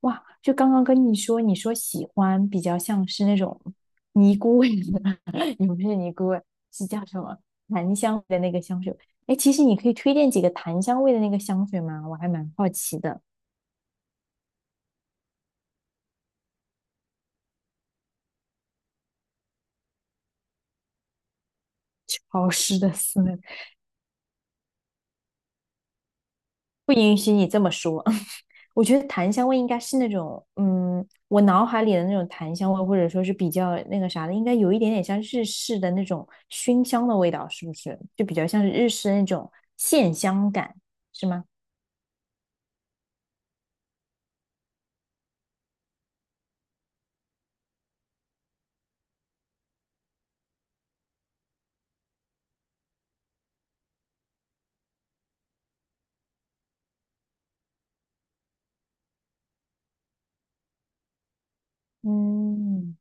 哇，就刚刚跟你说，你说喜欢比较像是那种尼姑味的，也不是尼姑味，是叫什么檀香味的那个香水。哎，其实你可以推荐几个檀香味的那个香水吗？我还蛮好奇的。潮湿的思维，不允许你这么说。我觉得檀香味应该是那种，我脑海里的那种檀香味，或者说是比较那个啥的，应该有一点点像日式的那种熏香的味道，是不是？就比较像是日式那种线香感，是吗？嗯，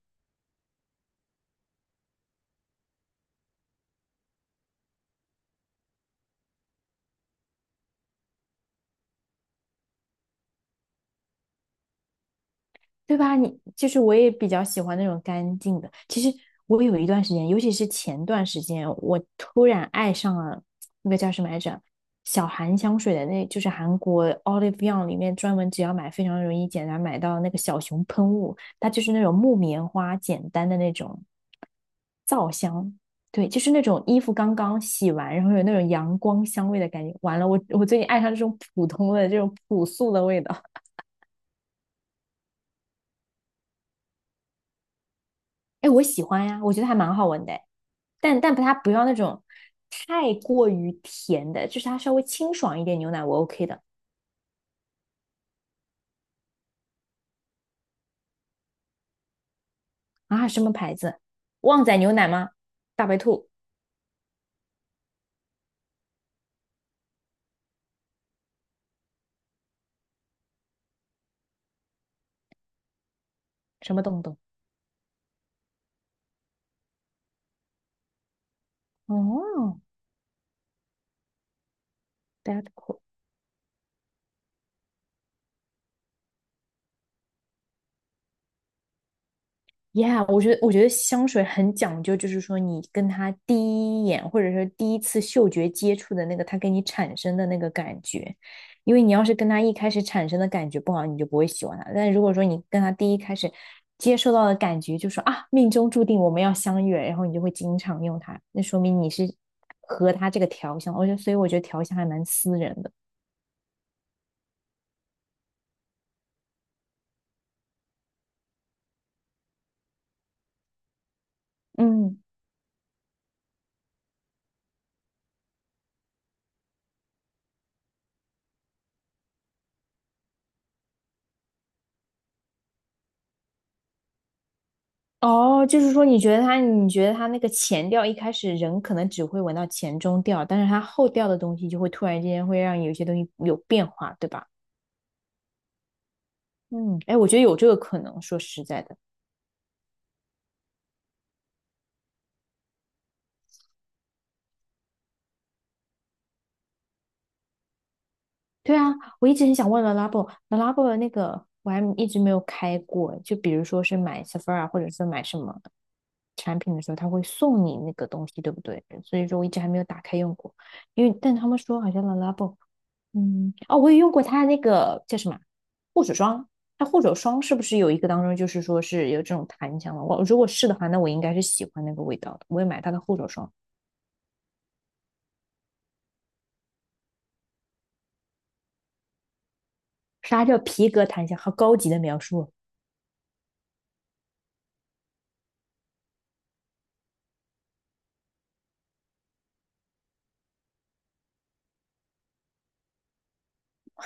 对吧？你就是我也比较喜欢那种干净的。其实我有一段时间，尤其是前段时间，我突然爱上了那个叫什么来着，小韩香水的那，就是韩国 Olive Young 里面专门只要买非常容易简单买到那个小熊喷雾，它就是那种木棉花简单的那种皂香，对，就是那种衣服刚刚洗完，然后有那种阳光香味的感觉。完了，我最近爱上这种普通的这种朴素的味道。哎，我喜欢呀，我觉得还蛮好闻的诶但但不它不要那种太过于甜的，就是它稍微清爽一点牛奶我 OK 的啊。什么牌子？旺仔牛奶吗？大白兔什么东东？哦，大白兔。Yeah，我觉得香水很讲究，就是说你跟他第一眼，或者说第一次嗅觉接触的那个，他给你产生的那个感觉，因为你要是跟他一开始产生的感觉不好，你就不会喜欢他。但如果说你跟他第一开始接受到的感觉，就说啊，命中注定我们要相遇了然后你就会经常用它，那说明你是和他这个调香。我觉得，所以我觉得调香还蛮私人的。嗯哦，就是说，你觉得它，你觉得它那个前调一开始人可能只会闻到前中调，但是它后调的东西就会突然之间会让有些东西有变化，对吧？嗯，哎，我觉得有这个可能。说实在的，对啊，我一直很想问 Lalabo，Lalabo 的那个我还一直没有开过。就比如说是买 Sephora 或者是买什么产品的时候，他会送你那个东西，对不对？所以说我一直还没有打开用过，因为但他们说好像 Lalabo。嗯，哦，我也用过它那个叫什么护手霜，它护手霜是不是有一个当中就是说是有这种檀香的？我如果是的话，那我应该是喜欢那个味道的。我也买它的护手霜，啥叫皮革檀香，好高级的描述，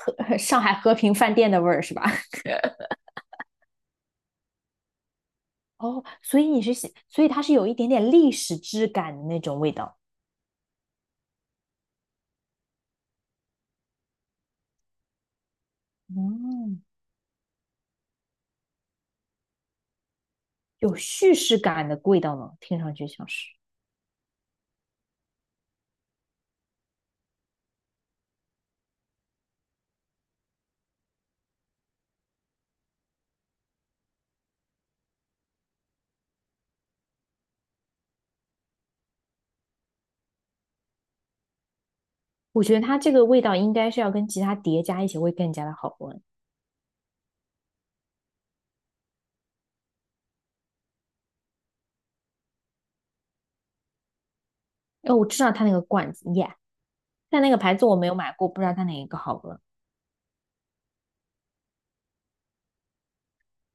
上海和平饭店的味儿是吧？哦，所以你是喜，所以它是有一点点历史质感的那种味道，嗯，有叙事感的味道呢，听上去像是。我觉得它这个味道应该是要跟其他叠加一起会更加的好闻。哦，我知道它那个罐子，耶、但那个牌子我没有买过，不知道它哪一个好喝。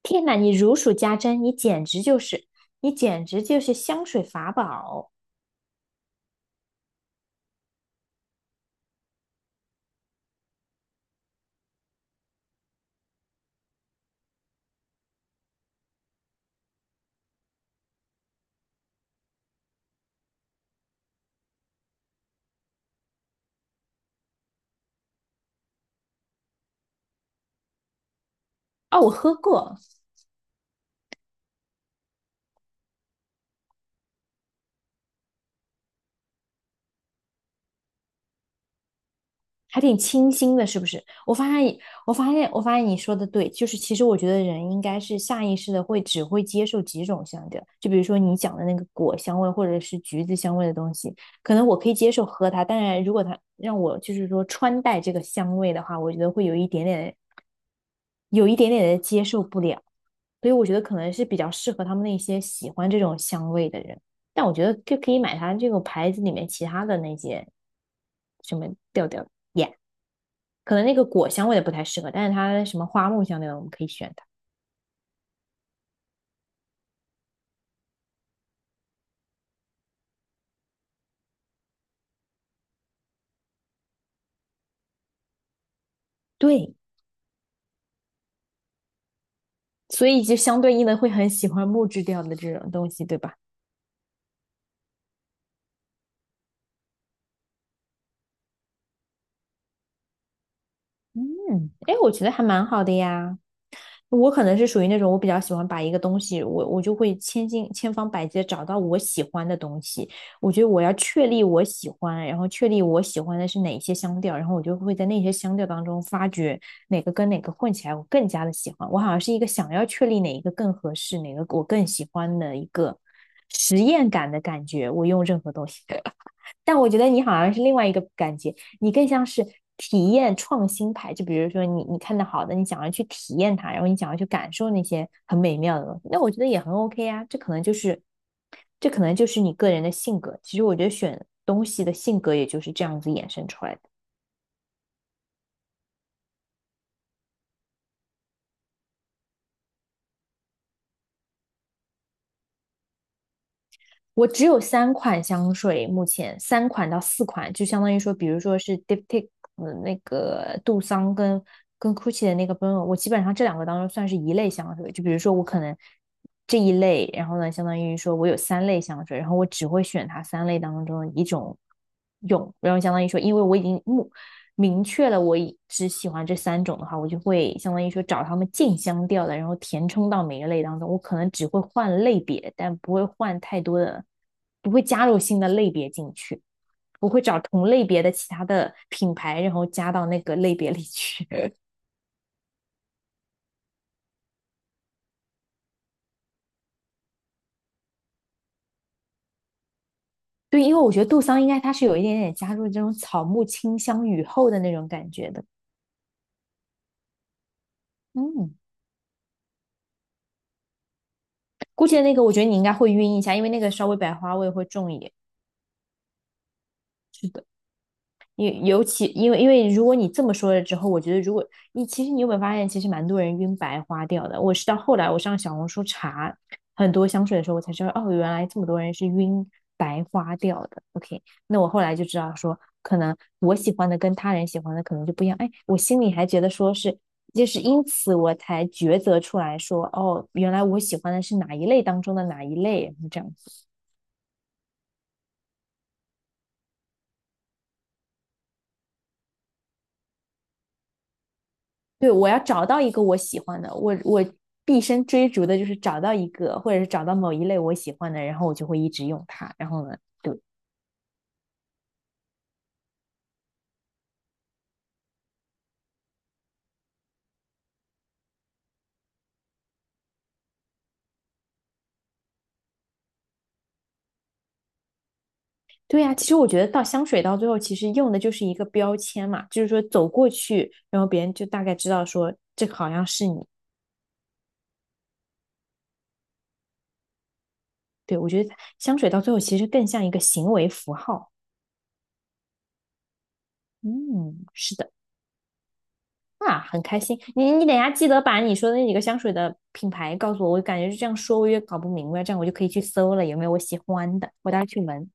天哪，你如数家珍，你简直就是，你简直就是香水法宝哦！我喝过，还挺清新的，是不是？我发现你说的对，就是其实我觉得人应该是下意识的会只会接受几种香调，就比如说你讲的那个果香味或者是橘子香味的东西，可能我可以接受喝它，但是如果它让我就是说穿戴这个香味的话，我觉得会有一点点，有一点点的接受不了，所以我觉得可能是比较适合他们那些喜欢这种香味的人，但我觉得就可以买它这个牌子里面其他的那些什么调调。耶、可能那个果香味的不太适合，但是它什么花木香那种我们可以选它。对，所以就相对应的会很喜欢木质调的这种东西，对吧？嗯，哎，我觉得还蛮好的呀。我可能是属于那种，我比较喜欢把一个东西，我就会千金千方百计的找到我喜欢的东西。我觉得我要确立我喜欢，然后确立我喜欢的是哪些香调，然后我就会在那些香调当中发掘哪个跟哪个混起来我更加的喜欢。我好像是一个想要确立哪一个更合适，哪个我更喜欢的一个实验感的感觉。我用任何东西。但我觉得你好像是另外一个感觉，你更像是体验创新派。就比如说你看到好的，你想要去体验它，然后你想要去感受那些很美妙的东西，那我觉得也很 OK 啊。这可能就是你个人的性格。其实我觉得选东西的性格也就是这样子衍生出来的。我只有三款香水，目前三款到四款，就相当于说，比如说是 Diptyque 那个杜桑跟Gucci 的那个 b 用，n 我基本上这两个当中算是一类香水。就比如说我可能这一类，然后呢，相当于说我有三类香水，然后我只会选它三类当中的一种用，然后相当于说，因为我已经明确了我只喜欢这三种的话，我就会相当于说找他们竞相调的，然后填充到每个类当中。我可能只会换类别，但不会换太多的，不会加入新的类别进去。我会找同类别的其他的品牌，然后加到那个类别里去。对，因为我觉得杜桑应该它是有一点点加入这种草木清香雨后的那种感觉的。嗯，估计那个我觉得你应该会晕一下，因为那个稍微百花味会重一点。是的。因尤其因为因为如果你这么说了之后，我觉得如果你其实你有没有发现，其实蛮多人晕白花掉的。我是到后来我上小红书查很多香水的时候，我才知道哦，原来这么多人是晕白花掉的。OK,那我后来就知道说，可能我喜欢的跟他人喜欢的可能就不一样。哎，我心里还觉得说是，就是因此我才抉择出来说，哦，原来我喜欢的是哪一类当中的哪一类，这样。对，我要找到一个我喜欢的，我毕生追逐的就是找到一个，或者是找到某一类我喜欢的，然后我就会一直用它。然后呢，对对呀、其实我觉得到香水到最后，其实用的就是一个标签嘛，就是说走过去，然后别人就大概知道说这个好像是你。对，我觉得香水到最后其实更像一个行为符号。嗯，是的。啊，很开心。你等一下记得把你说的那几个香水的品牌告诉我，我感觉这样说我也搞不明白，这样我就可以去搜了，有没有我喜欢的，我待会去闻。